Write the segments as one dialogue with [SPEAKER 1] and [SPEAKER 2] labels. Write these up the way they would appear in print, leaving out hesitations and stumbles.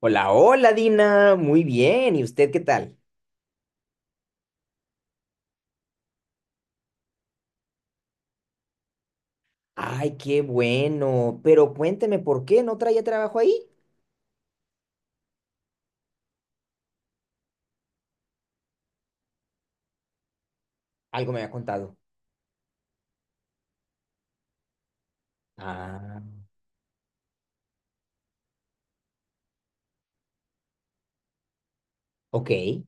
[SPEAKER 1] Hola, hola Dina, muy bien. ¿Y usted qué tal? Ay, qué bueno. Pero cuénteme, ¿por qué no traía trabajo ahí? Algo me había contado. Ah, ok.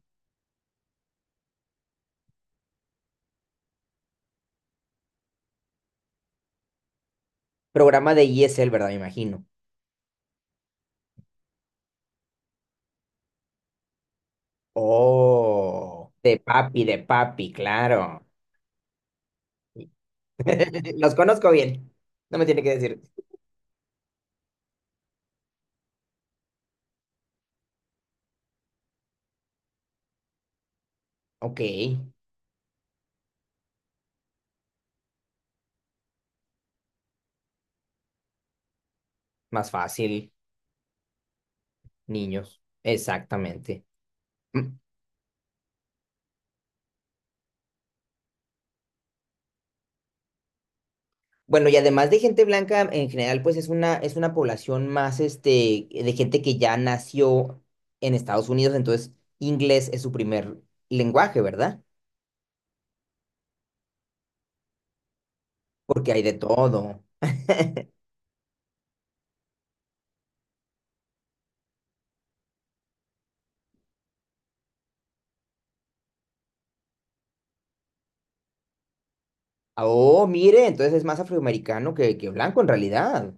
[SPEAKER 1] Programa de ISL, ¿verdad? Me imagino. Oh, de papi, claro. Los conozco bien. No me tiene que decir. Ok, más fácil, niños. Exactamente. Mm. Bueno, y además de gente blanca, en general, pues es una población más, de gente que ya nació en Estados Unidos, entonces inglés es su primer lenguaje, ¿verdad? Porque hay de todo. Ah, oh, mire, entonces es más afroamericano que blanco en realidad.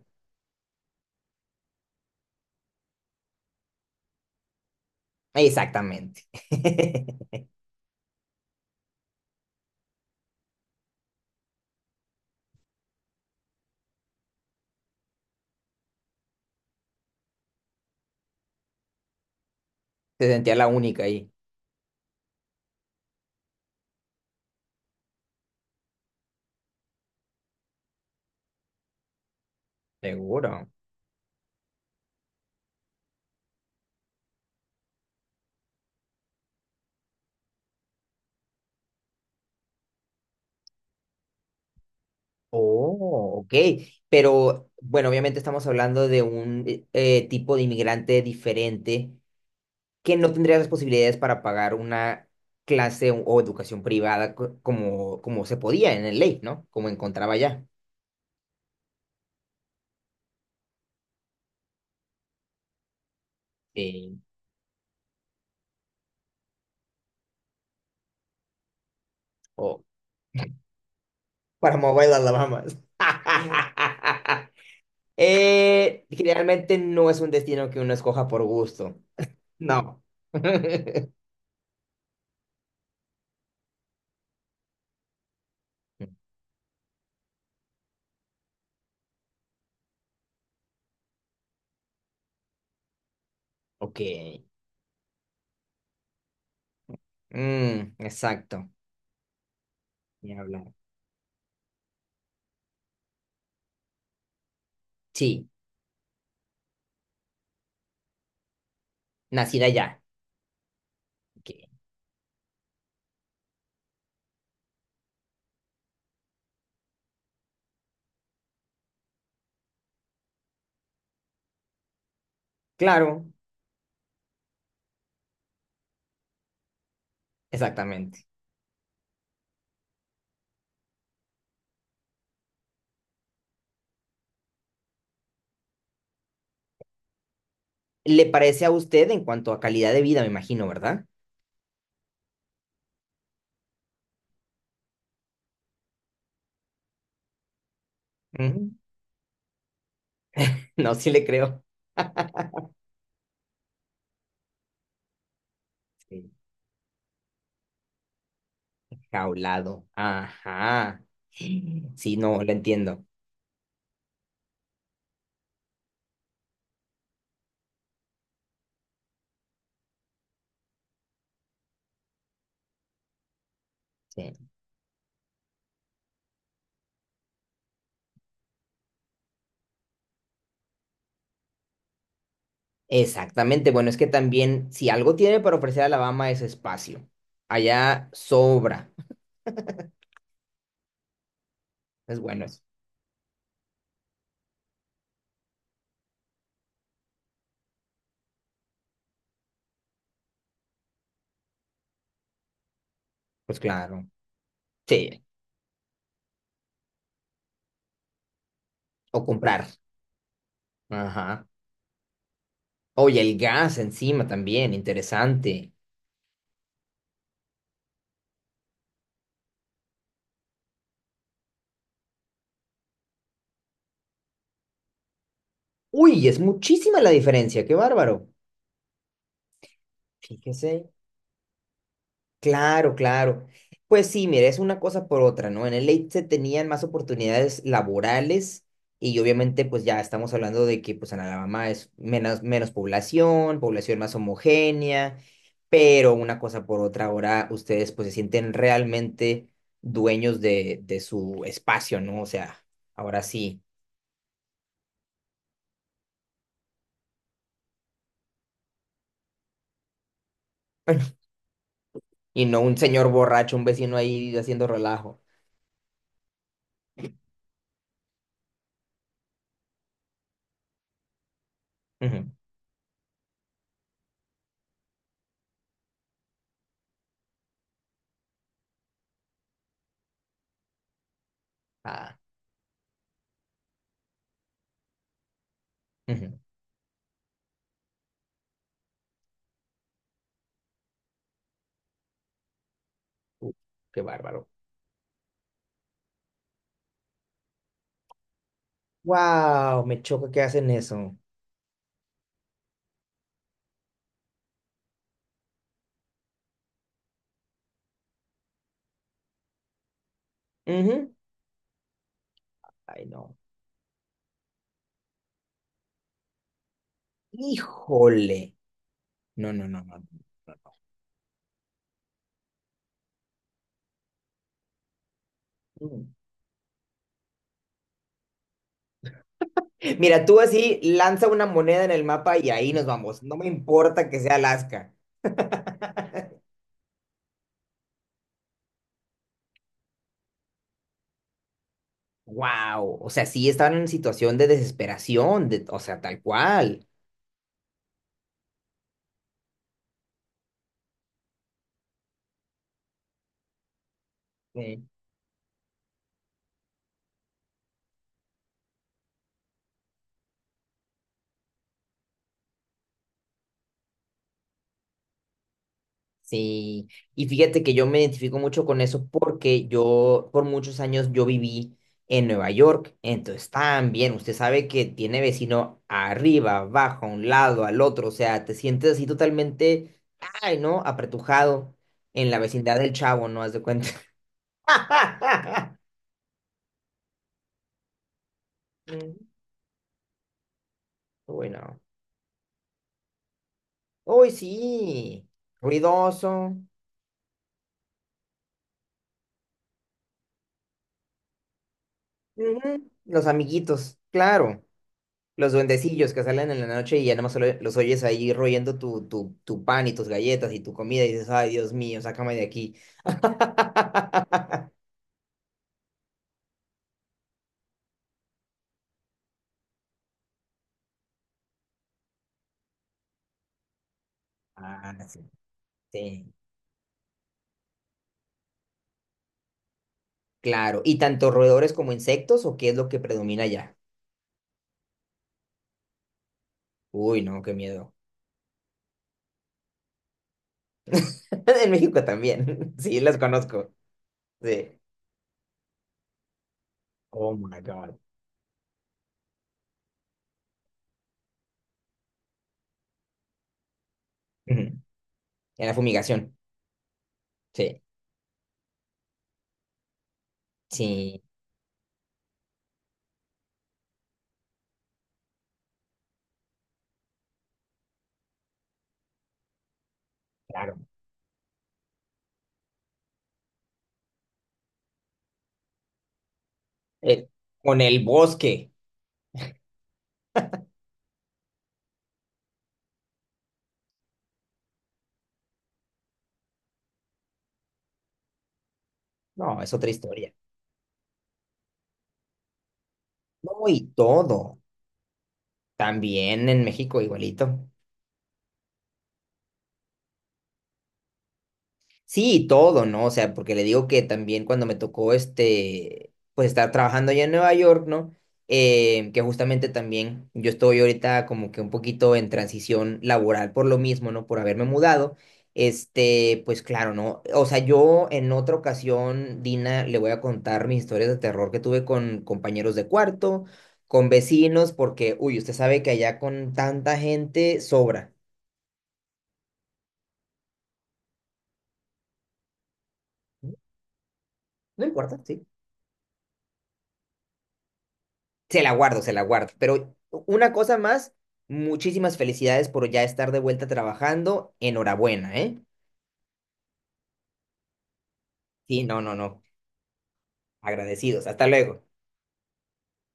[SPEAKER 1] Exactamente. Se sentía la única ahí. Seguro. Oh, ok. Pero, bueno, obviamente estamos hablando de un tipo de inmigrante diferente que no tendrías las posibilidades para pagar una clase o educación privada como, como se podía en el ley, ¿no? Como encontraba ya. Sí. O para Mobile Alabama. Generalmente no es un destino que uno escoja por gusto. No. Ok. Mm, exacto. Ni hablar. Sí, nacida allá. Ok. Claro, exactamente. ¿Le parece a usted en cuanto a calidad de vida, me imagino, ¿verdad? Ujú. No, sí le creo. Sí, jaulado. Ajá. Sí, no, lo entiendo. Sí. Exactamente. Bueno, es que también, si algo tiene para ofrecer Alabama es espacio. Allá sobra. Es bueno eso. Pues claro. Sí. O comprar. Ajá. Oye, el gas encima también, interesante. Uy, es muchísima la diferencia, qué bárbaro. Fíjese. Claro, claro. Pues sí, mira, es una cosa por otra, ¿no? En el late se tenían más oportunidades laborales y obviamente pues ya estamos hablando de que pues en Alabama es menos, menos población, población más homogénea, pero una cosa por otra, ahora ustedes pues se sienten realmente dueños de su espacio, ¿no? O sea, ahora sí. Y no un señor borracho, un vecino ahí haciendo relajo. Ujú. Ah, ujú. Uh, qué bárbaro. Wow, me choca que hacen eso. Ujú. Ay, no. Híjole. No, no, no, no, no, no, no. Mira, tú así lanza una moneda en el mapa y ahí nos vamos. No me importa que sea Alaska. Wow. O sea, sí estaban en situación de desesperación, de, o sea, tal cual. Sí, y fíjate que yo me identifico mucho con eso porque yo por muchos años yo viví en Nueva York, entonces también usted sabe que tiene vecino arriba, abajo, a un lado, al otro, o sea, te sientes así totalmente, ay, ¿no? Apretujado en la vecindad del Chavo, ¿no? Haz de cuenta. Mm. Bueno, uy, sí, ruidoso, ujú, los amiguitos, claro. Los duendecillos que salen en la noche y ya nomás solo los oyes ahí royendo tu pan y tus galletas y tu comida y dices, ay, Dios mío, sácame de aquí. Ah, sí, sí, claro. ¿Y tanto roedores como insectos o qué es lo que predomina allá? Uy, no, qué miedo. En México también. Sí, las conozco. Sí. Oh my God. Ujú. En la fumigación. Sí, sí, claro. Eh, con el bosque. No, es otra historia. No, y todo. También en México igualito. Sí, y todo, ¿no? O sea, porque le digo que también cuando me tocó pues estar trabajando allá en Nueva York, ¿no? Que justamente también yo estoy ahorita como que un poquito en transición laboral por lo mismo, ¿no? Por haberme mudado. Pues claro, ¿no? O sea, yo en otra ocasión, Dina, le voy a contar mis historias de terror que tuve con compañeros de cuarto, con vecinos, porque, uy, usted sabe que allá con tanta gente sobra. No importa, sí. Se la guardo, se la guardo. Pero una cosa más, muchísimas felicidades por ya estar de vuelta trabajando. Enhorabuena, ¿eh? Sí, no, no, no. Agradecidos. Hasta luego.